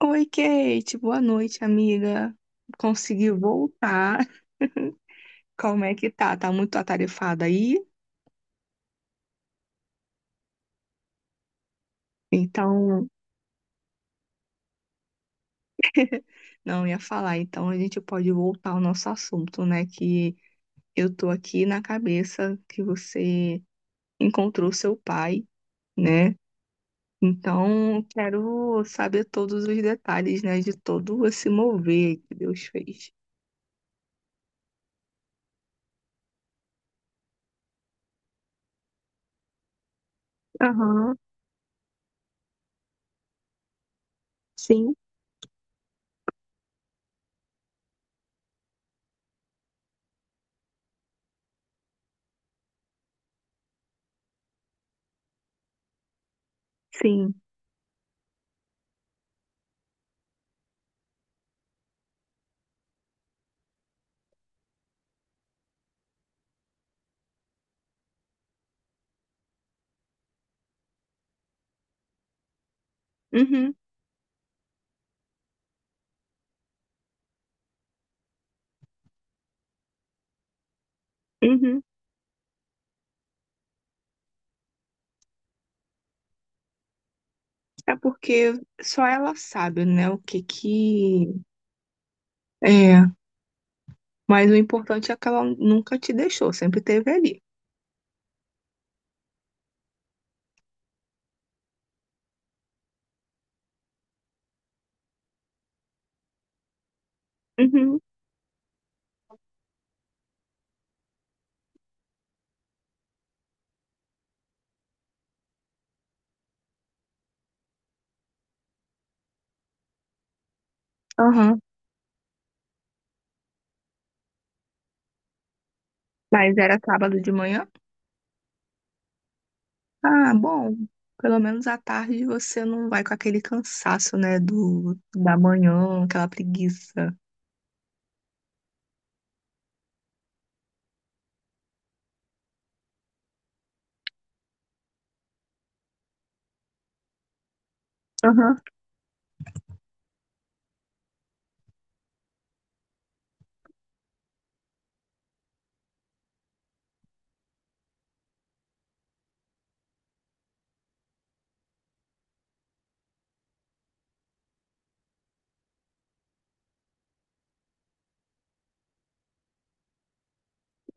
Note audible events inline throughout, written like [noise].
Oi, Kate, boa noite, amiga. Conseguiu voltar? [laughs] Como é que tá? Tá muito atarefada aí? Então, não ia falar. Então, a gente pode voltar ao nosso assunto, né? Que eu tô aqui na cabeça que você encontrou seu pai, né? Então, quero saber todos os detalhes, né? De todo esse mover que Deus fez. Aham, sim, sim. Uhum, uhum. É porque só ela sabe, né, o que que é. Mas o importante é que ela nunca te deixou, sempre teve ali. Uhum, aham. Mas era sábado de manhã? Ah, bom. Pelo menos à tarde você não vai com aquele cansaço, né, do da manhã, aquela preguiça. Aham.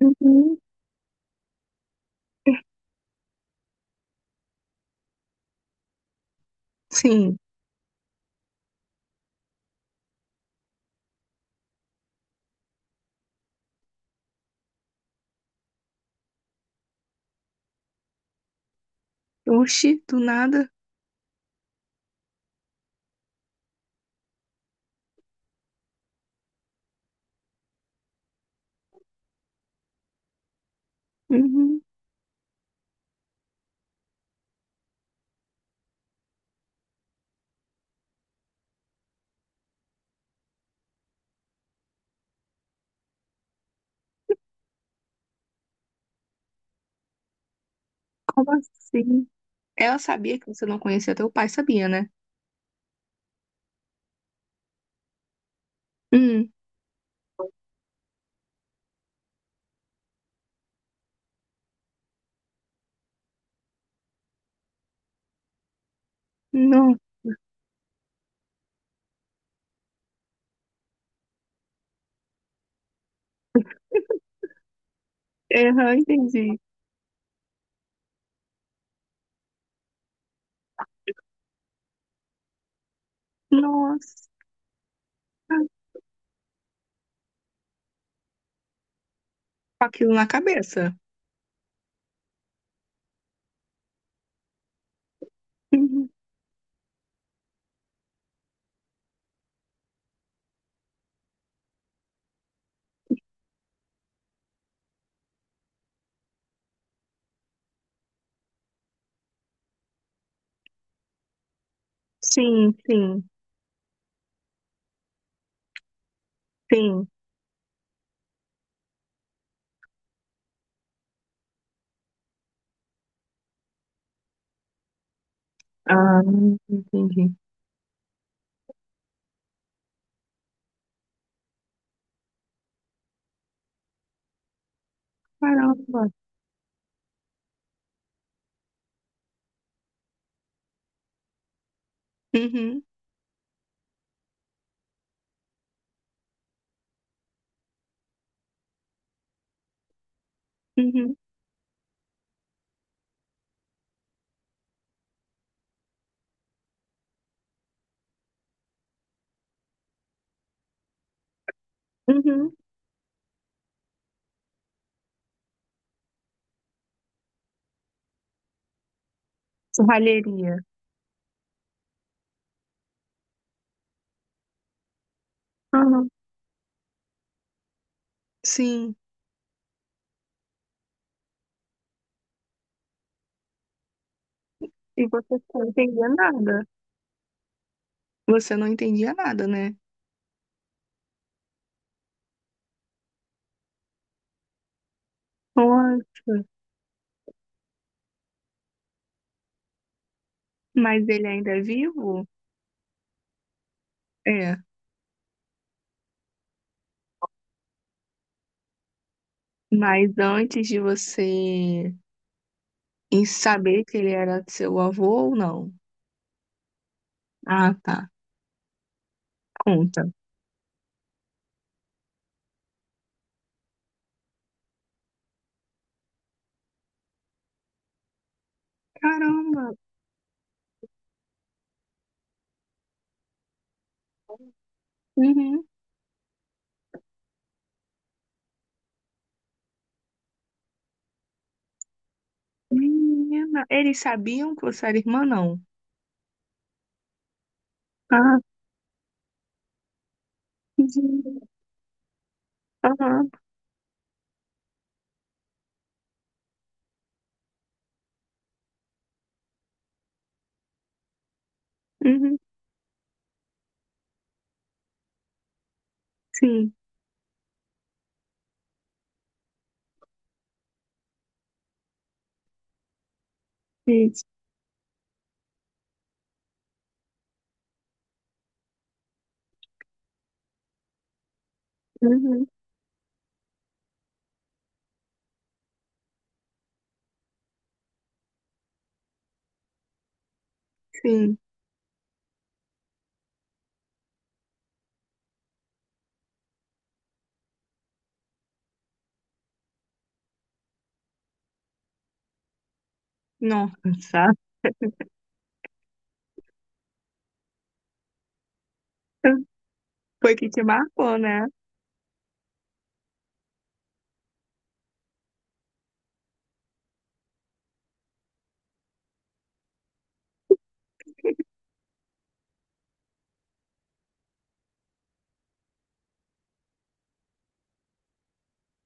Uhum. Sim. Oxi, do nada. Uhum. Como assim? Ela sabia que você não conhecia teu pai, sabia, né? Hum, não. Aham, entendi. Nossa, com aquilo na cabeça. Uhum. Sim, sim, sim. Ah, entendi. Caramba. Uhum, uhum, uhum. Serralheria. Aham. Sim. E você não entendia nada. Você não entendia nada, né? Nossa. Mas ele ainda é vivo? É. Mas antes de você em saber que ele era seu avô ou não? Ah, tá. Conta. Caramba. Uhum. Menina. Eles sabiam que você era irmã, não? Ah, entendi. Aham. Uhum. Sim, isso. Uhum, sim. Nossa, foi que te marcou, né?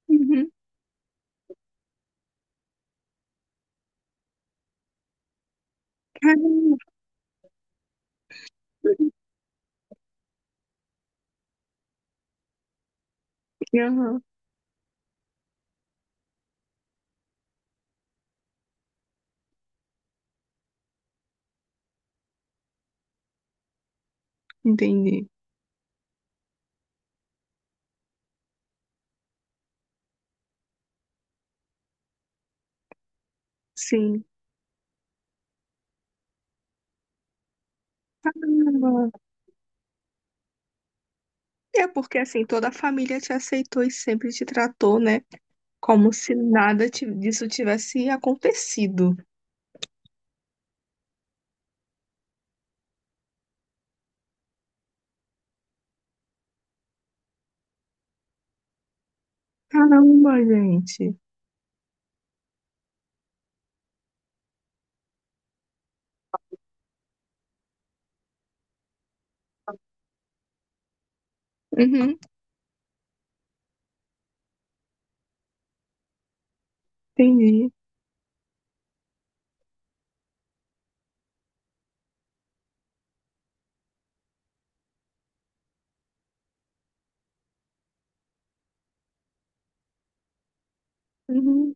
Uhum. Caramba. Aham, entendi. Sim. Caramba. É porque assim, toda a família te aceitou e sempre te tratou, né? Como se nada ti- disso tivesse acontecido. Caramba, gente. Uhum, entendi. Uhum,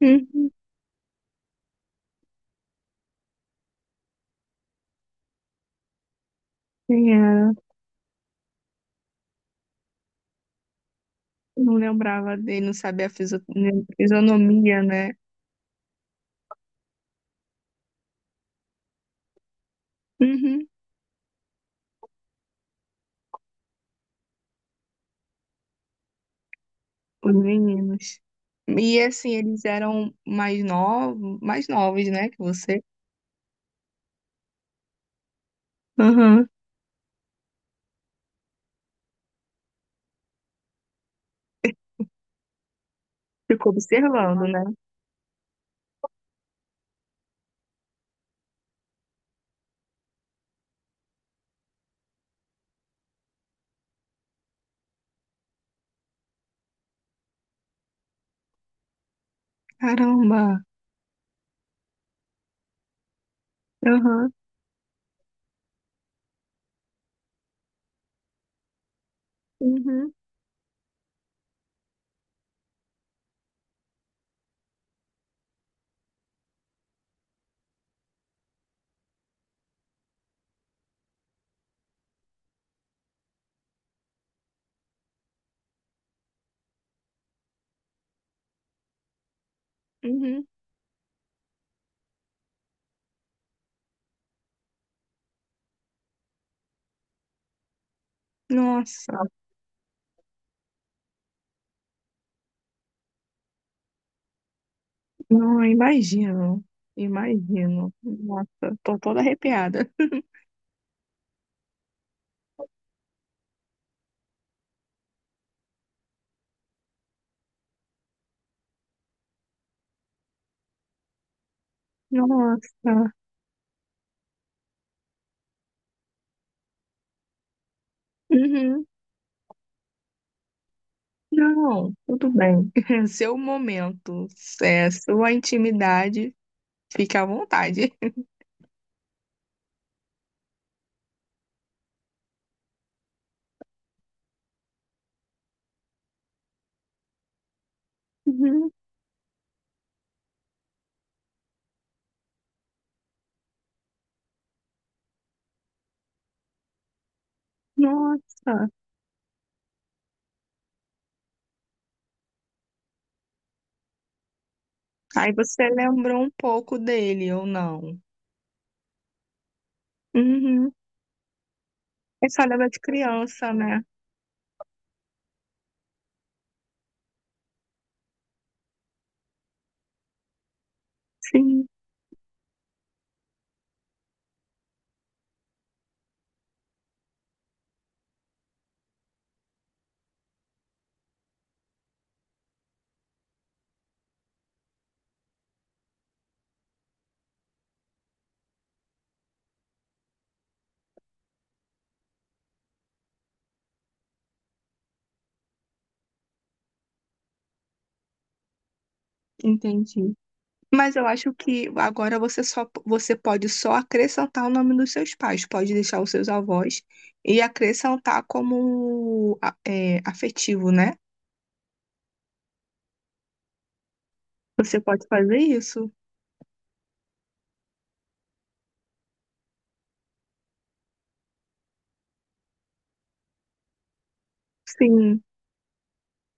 uhum. Quem era? Não lembrava dele, não sabia a né, fisionomia, né? Uhum, os meninos. E assim, eles eram mais novos, né, que você. Aham. Ficou observando, né? Caramba. Aham. Uhum. Uhum. Nossa, não, eu imagino. Imagino. Nossa, tô toda arrepiada. Nossa. Uhum. Não, tudo bem. [laughs] Seu momento, é, sua intimidade, fica à vontade. Uhum. Nossa. Aí você lembrou um pouco dele, ou não? Uhum. Eu só lembro de criança, né? Sim, entendi. Mas eu acho que agora você só você pode só acrescentar o nome dos seus pais, pode deixar os seus avós e acrescentar como é, afetivo, né? Você pode fazer isso? Sim.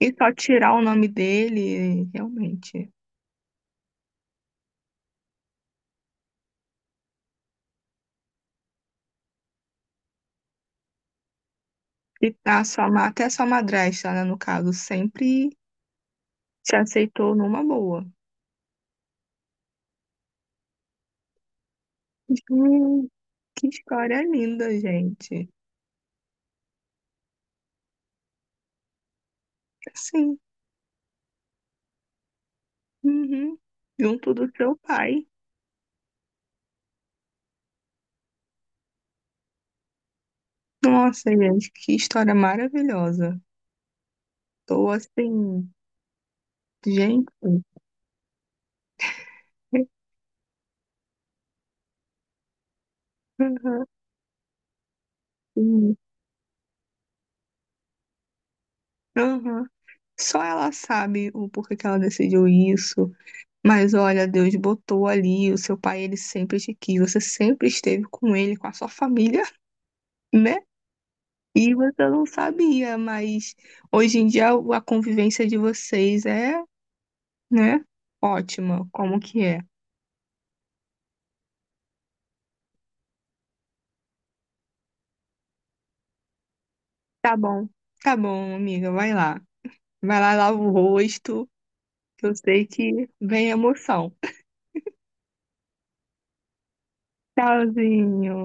E só tirar o nome dele, realmente. E tá a sua, até a sua madrasta, né, no caso, sempre te aceitou numa boa. Que história linda, gente. Sim, uhum. Junto do seu pai. Nossa, gente, que história maravilhosa. Tô assim, gente. [laughs] Uhum, sim, uhum. Só ela sabe o porquê que ela decidiu isso. Mas olha, Deus botou ali, o seu pai, ele sempre te quis, você sempre esteve com ele, com a sua família, [laughs] né? E você não sabia, mas hoje em dia a convivência de vocês é, né? Ótima, como que é? Tá bom, tá bom, amiga, vai lá. Vai lá, lava o rosto, que eu sei que vem emoção. Tchauzinho.